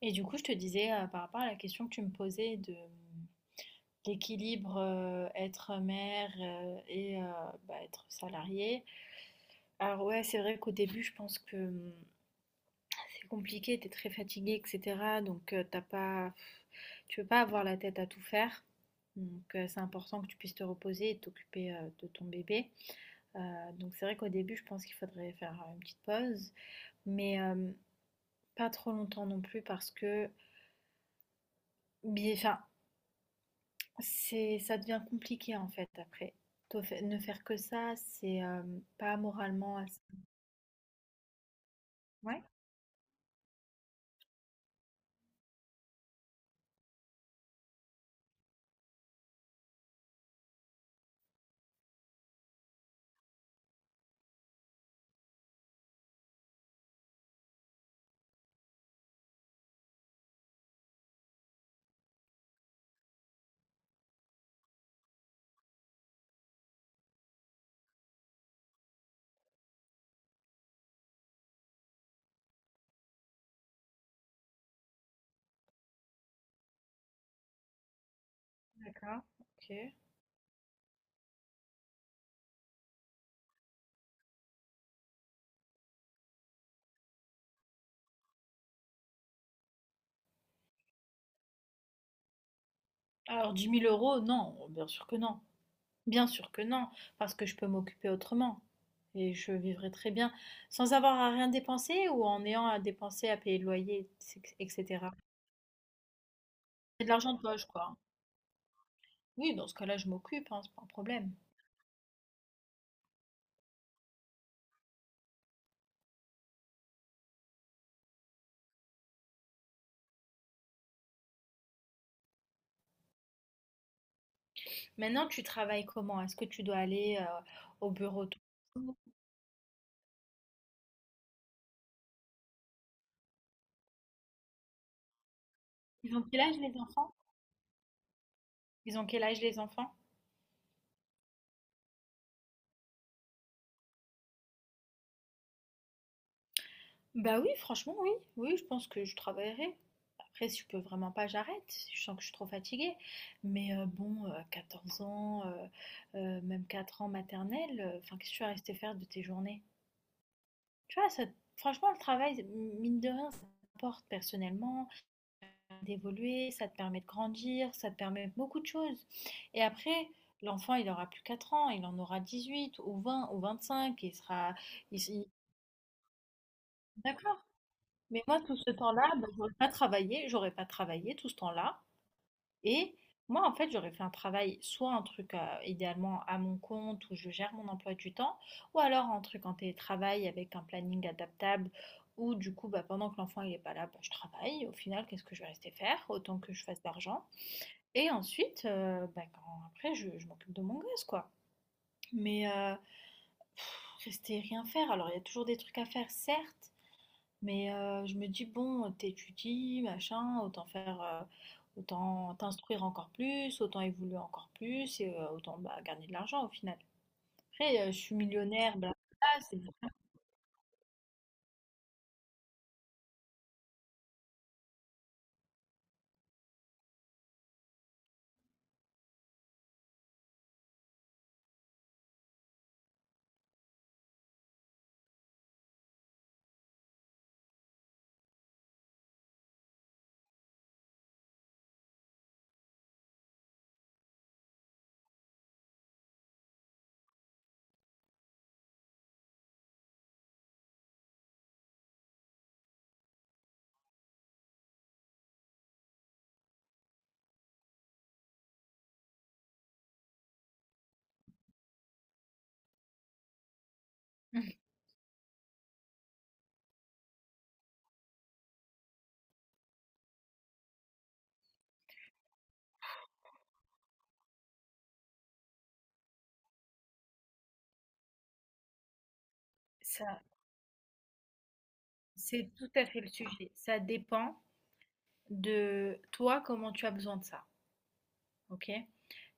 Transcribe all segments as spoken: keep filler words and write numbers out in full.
Et du coup, je te disais euh, par rapport à la question que tu me posais de euh, l'équilibre euh, être mère euh, et euh, bah, être salariée. Alors ouais, c'est vrai qu'au début, je pense que hum, c'est compliqué, t'es très fatigué, et cetera. Donc euh, t'as pas, tu peux pas avoir la tête à tout faire. Donc euh, c'est important que tu puisses te reposer et t'occuper euh, de ton bébé. Euh, donc c'est vrai qu'au début, je pense qu'il faudrait faire euh, une petite pause, mais euh, pas trop longtemps non plus parce que, bien, enfin, C'est, ça devient compliqué en fait après. Toi, fai- ne faire que ça, c'est euh, pas moralement assez. Ouais, d'accord, ok. Alors dix mille euros, non, bien sûr que non. Bien sûr que non, parce que je peux m'occuper autrement. Et je vivrai très bien sans avoir à rien dépenser ou en ayant à dépenser, à payer le loyer, et cetera. C'est de l'argent de poche, quoi. Oui, dans ce cas-là, je m'occupe, hein, c'est pas un problème. Maintenant, tu travailles comment? Est-ce que tu dois aller euh, au bureau tout le jour. Ils ont quel âge les enfants? Ils ont quel âge les enfants? Bah oui, franchement, oui. Oui, je pense que je travaillerai. Après, si je peux vraiment pas, j'arrête si je sens que je suis trop fatiguée. Mais euh, bon, euh, 14 ans, euh, euh, même quatre ans maternelle, euh, enfin, qu'est-ce que tu vas rester faire de tes journées? Tu vois, ça, franchement, le travail, c'est- mine de rien, ça t'apporte personnellement, d'évoluer, ça te permet de grandir, ça te permet beaucoup de choses. Et après, l'enfant, il aura plus quatre ans, il en aura dix-huit ou vingt ou vingt-cinq, il sera. il- il- D'accord. Mais moi, tout ce temps-là, bah, j'aurais pas travaillé, j'aurais pas travaillé tout ce temps-là. Et moi, en fait, j'aurais fait un travail, soit un truc euh, idéalement à mon compte où je gère mon emploi du temps, ou alors un truc en télétravail avec un planning adaptable où du coup, bah, pendant que l'enfant il est pas là, bah, je travaille. Au final, qu'est-ce que je vais rester faire? Autant que je fasse d'argent. Et ensuite, euh, bah, quand- après, je, je m'occupe de mon gosse, quoi. Mais euh, pff, rester rien faire. Alors, il y a toujours des trucs à faire, certes. Mais euh, je me dis, bon, t'étudies, machin, autant faire, euh, autant t'instruire encore plus, autant évoluer encore plus, et euh, autant bah, gagner de l'argent au final. Après, euh, je suis millionnaire, blablabla, c'est. Ça, c'est tout à fait le sujet. Ça dépend de toi, comment tu as besoin de ça. Ok?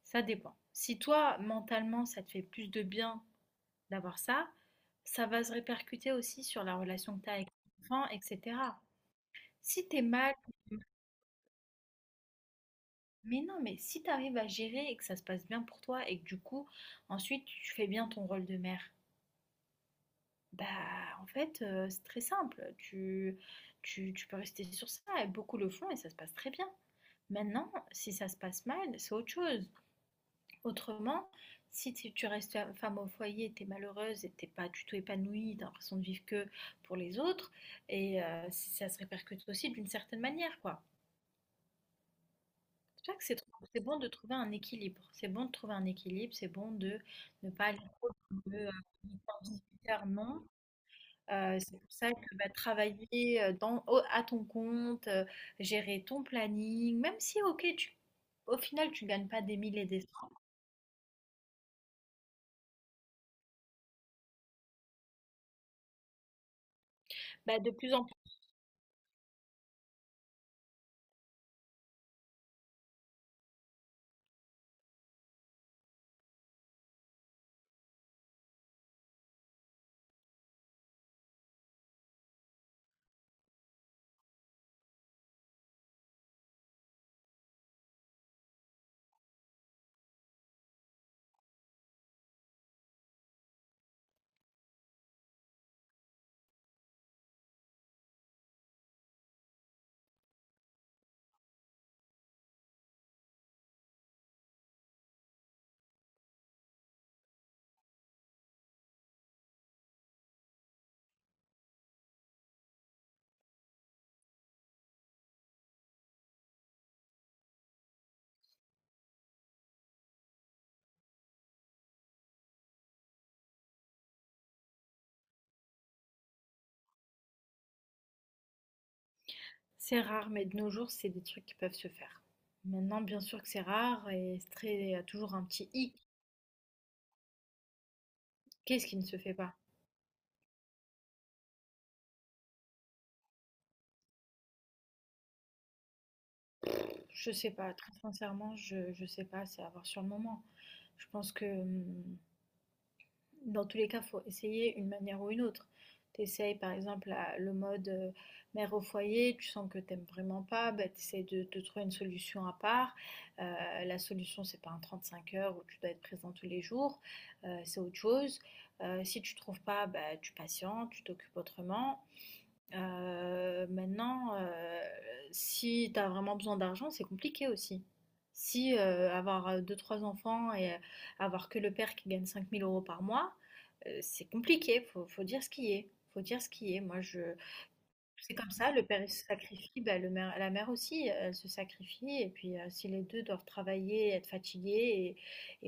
Ça dépend. Si toi, mentalement, ça te fait plus de bien d'avoir ça, ça va se répercuter aussi sur la relation que tu as avec ton enfant, et cetera. Si tu es mal. Mais non, mais si t'arrives à gérer et que ça se passe bien pour toi et que du coup, ensuite, tu fais bien ton rôle de mère, bah en fait, euh, c'est très simple. Tu, tu, tu peux rester sur ça et beaucoup le font et ça se passe très bien. Maintenant, si ça se passe mal, c'est autre chose. Autrement, si tu tu restes femme au foyer, t'es malheureuse et t'es pas du tout épanouie, t'as l'impression de vivre que pour les autres, et euh, ça se répercute aussi d'une certaine manière, quoi. Je crois que c'est trop c'est bon de trouver un équilibre. C'est bon de trouver un équilibre, c'est bon de ne pas aller trop de euh, 18 heures, non. Euh, c'est pour ça que bah, travailler euh, dans, au- à ton compte, euh, gérer ton planning, même si, ok, tu, au final, tu gagnes pas des mille et des cents, bah, de plus en plus, c'est rare, mais de nos jours, c'est des trucs qui peuvent se faire. Maintenant, bien sûr que c'est rare et c'est très, toujours un petit hic. Qu'est-ce qui ne se fait pas? Je sais pas, très sincèrement, je je sais pas, c'est à voir sur le moment. Je pense que, mmh, dans tous les cas, faut essayer une manière ou une autre. Tu par exemple la le mode, heu, mère au foyer, tu sens que t'aimes vraiment pas, bah, tu de de trouver une solution à part. Heu, la solution, c'est pas un 35 heures où tu dois être présent tous les jours, heu, c'est autre chose. Heu, si tu trouves pas, bah, tu patientes, tu t'occupes autrement. Heu, maintenant, heu, si tu as vraiment besoin d'argent, c'est compliqué aussi. Si, heu, avoir, euh, deux trois enfants et heu, avoir que le père qui gagne cinq mille euros par mois, heu, c'est compliqué, faut faut dire ce qui est, faut dire ce qui est. Moi je c'est comme ça, le père il se sacrifie, bah, le mère la mère aussi, elle se sacrifie et puis, heu, si les deux doivent travailler, être fatigués et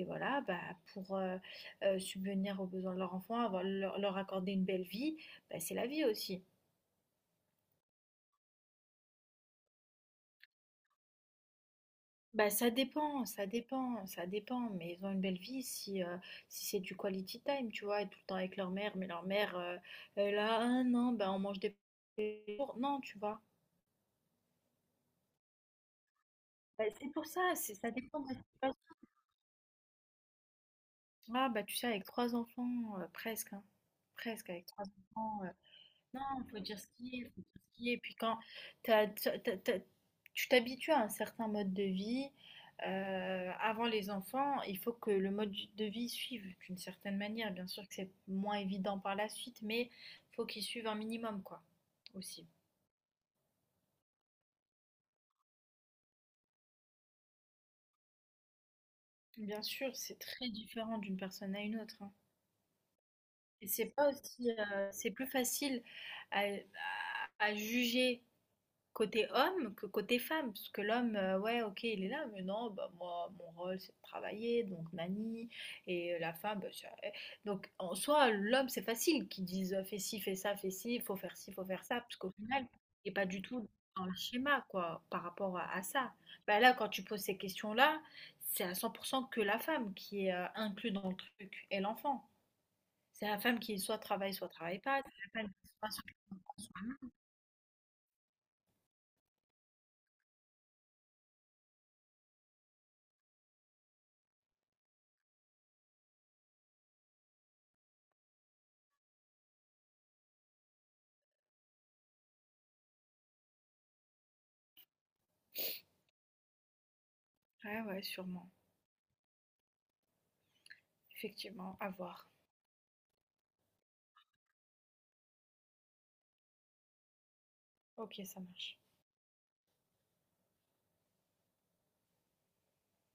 et voilà, bah, pour, heu heu, subvenir aux besoins de leur enfant, avoir leur leur accorder une belle vie, bah, c'est la vie aussi. Bah, ça dépend, ça dépend, ça dépend, mais ils ont une belle vie si, euh, si c'est du quality time, tu vois, être tout le temps avec leur mère, mais leur mère, euh, elle a un an, bah, on mange des pour Non, tu vois. Bah, c'est pour ça, c'est, ça dépend de la situation. Ah, bah, tu sais, avec trois enfants, euh, presque, hein, presque, avec trois enfants. Non, il faut dire ce qui est, faut dire ce qui est. Puis quand t'as- t'as- t'as- t'as- tu t'habitues à un certain mode de vie, euh, avant les enfants, il faut que le mode de vie suive d'une certaine manière. Bien sûr que c'est moins évident par la suite, mais faut qu'il suive un minimum, quoi, aussi. Bien sûr, c'est très différent d'une personne à une autre, hein. Et c'est pas aussi, euh, c'est plus facile à, à- à juger côté homme que côté femme, parce que l'homme, heu, ouais, OK, il est là, mais non, bah, moi, mon rôle, c'est de travailler, donc nani et euh, la femme, bah, c'est elle donc en soi, l'homme, c'est facile qu'ils disent, heu: «Fais ci, fais ça, fais ci, faut faire ci, faut faire ça», parce qu'au final, il es pas du tout dans le schéma, quoi, par rapport à à ça. Bah, là, quand tu poses ces questions-là, c'est à cent pour cent que la femme qui est, heu, inclus dans le truc et l'enfant. C'est la femme qui soit travaille, soit travaille pas, c'est la femme qui soit. Ouais, ouais, sûrement, effectivement, à voir. Ok, ça marche.